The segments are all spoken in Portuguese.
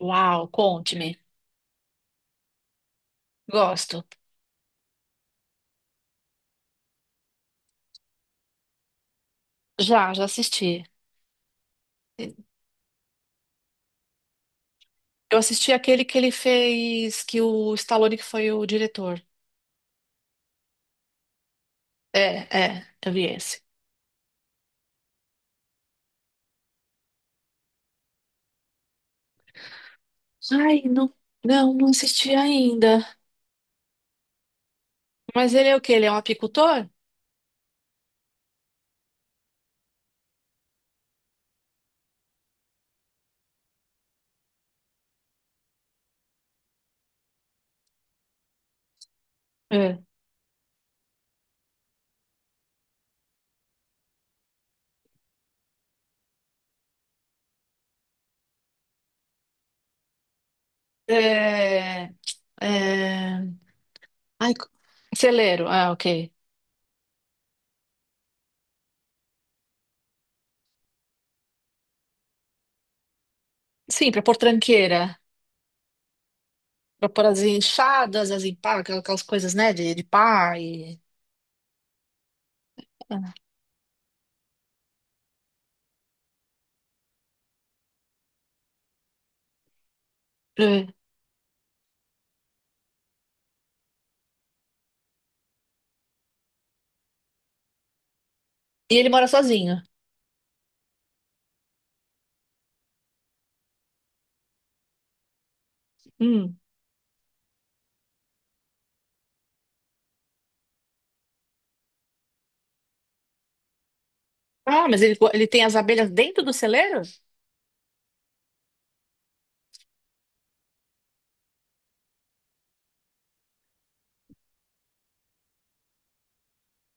Uau, conte-me. Gosto. Já, já assisti. Eu assisti aquele que ele fez, que o Stallone que foi o diretor. É, é, eu vi esse. Ai, não, não, não assisti ainda. Mas ele é o quê? Ele é um apicultor? É. É, é. Ai, celeiro. Ah, ok. Sim, pra pôr tranqueira. Pra pôr as enxadas, as empadas, aquelas coisas, né, de pá. E. É. E ele mora sozinho. Hum. Ah, mas ele tem as abelhas dentro do celeiro?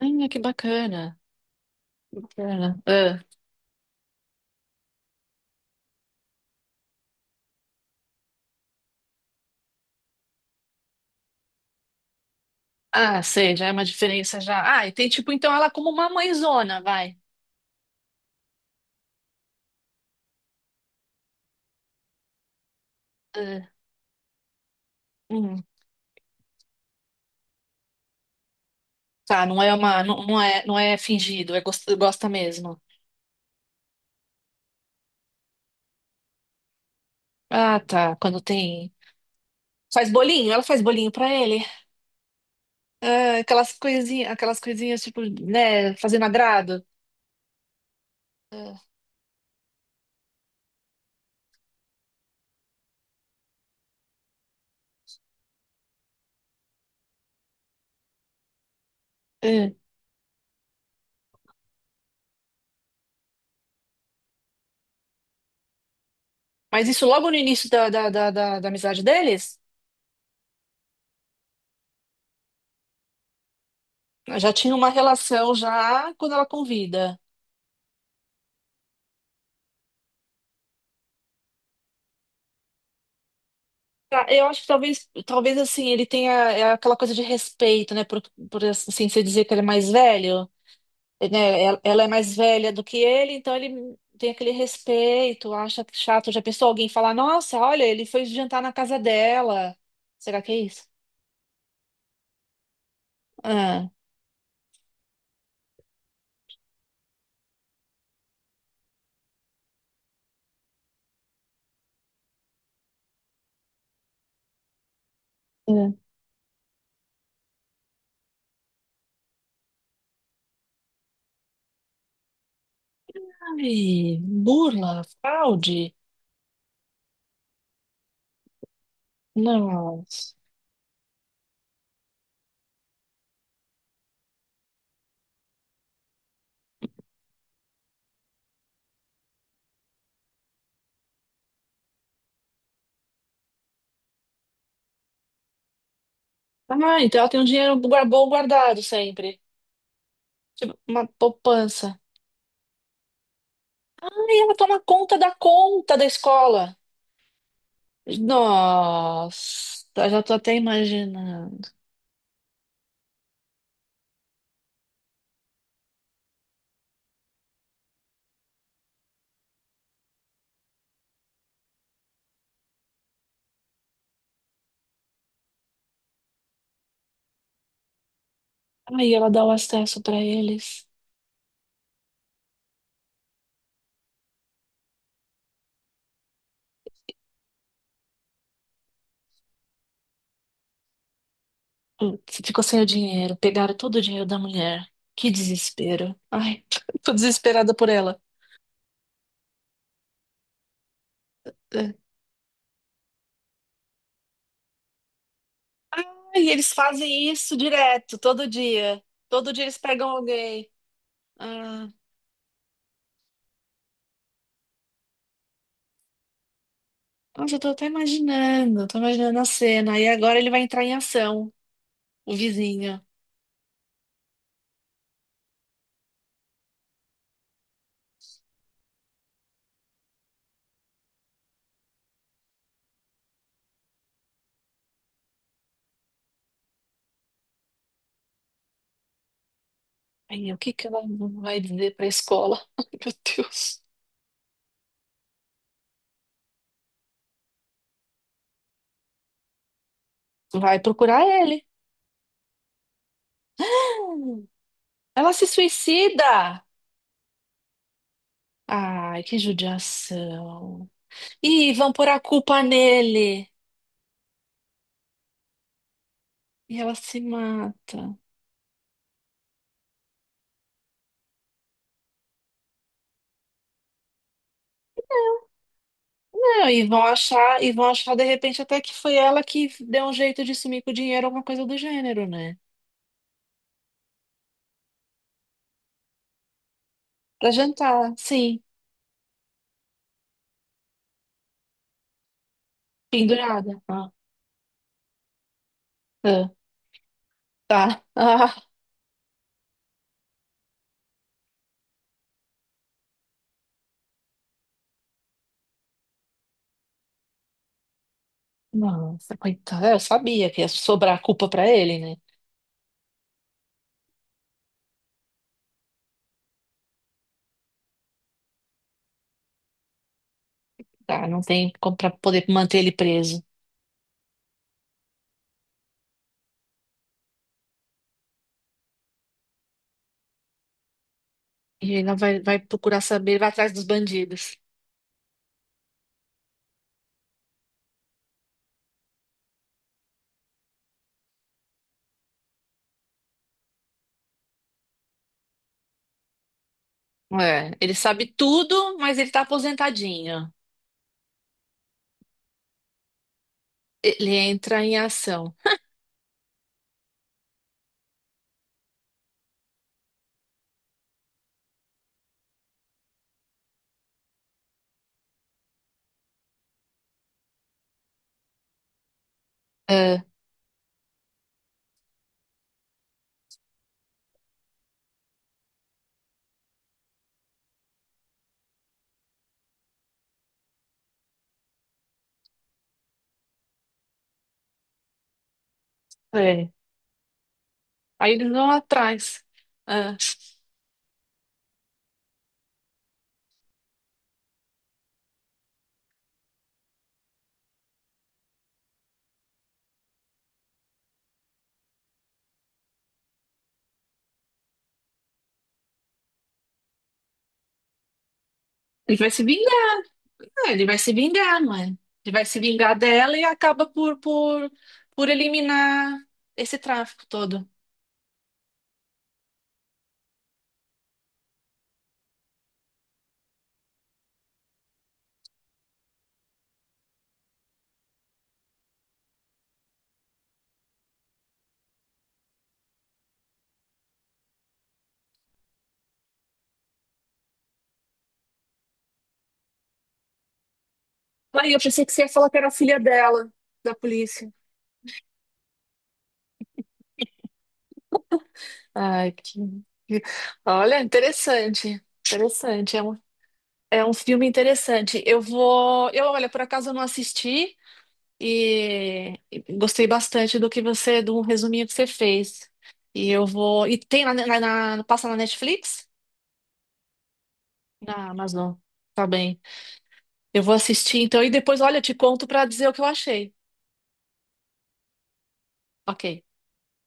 Ah, que bacana. Bacana. Ah. Ah, sei, já é uma diferença já. Ah, e tem tipo, então ela é como uma mãezona, vai. Ah, hum, tá, não é uma, não, não é fingido, é gosta, gosta mesmo. Ah, tá, quando tem. Faz bolinho, ela faz bolinho pra ele. Ah, aquelas coisinhas tipo, né, fazendo agrado. Ah, ah. Mas isso logo no início da amizade deles? Já tinha uma relação já quando ela convida. Tá, eu acho que talvez assim, ele tenha é, aquela coisa de respeito, né? Por assim, você dizer que ele é mais velho, né? Ela é mais velha do que ele, então ele tem aquele respeito, acha que chato. Já pensou alguém falar, nossa, olha, ele foi jantar na casa dela. Será que é isso? Ah, é. Ai, burla, fraude. Não. Ah, então ela tem um dinheiro bom guardado sempre. Tipo, uma poupança. Aí ela toma conta da escola. Nossa, já tô até imaginando. Aí ela dá o acesso pra eles. Putz, ficou sem o dinheiro. Pegaram todo o dinheiro da mulher. Que desespero. Ai, tô desesperada por ela. É. Ai, eles fazem isso direto, todo dia. Todo dia eles pegam alguém. Ah, nossa, eu tô até imaginando. Tô imaginando a cena. E agora ele vai entrar em ação, o vizinho. Aí, o que que ela vai dizer pra escola? Ai, meu Deus. Vai procurar ele. Ela se suicida! Ai, que judiação. E vão pôr a culpa nele. E ela se mata. Não, e vão achar de repente até que foi ela que deu um jeito de sumir com o dinheiro, alguma coisa do gênero, né? Pra jantar, sim, pendurada. Ah, ah, tá. Ah, nossa, coitada. Eu sabia que ia sobrar a culpa pra ele, né? Tá, não tem como pra poder manter ele preso. E ela vai procurar saber, vai atrás dos bandidos. É, ele sabe tudo, mas ele tá aposentadinho. Ele entra em ação. É, é. Aí eles vão atrás. É. Ele vai se vingar, né? Ele vai se vingar, mãe. Ele vai se vingar dela e acaba por, por eliminar esse tráfico todo. Aí eu pensei que você ia falar que era a filha dela, da polícia. Ai, que- Olha, interessante. Interessante. É um filme interessante. Eu vou. Olha, por acaso eu não assisti. e gostei bastante do que você, do resuminho que você fez. E eu vou. E tem na, passa na Netflix? Na Amazon. Tá bem. Eu vou assistir então e depois, olha, eu te conto pra dizer o que eu achei. Ok.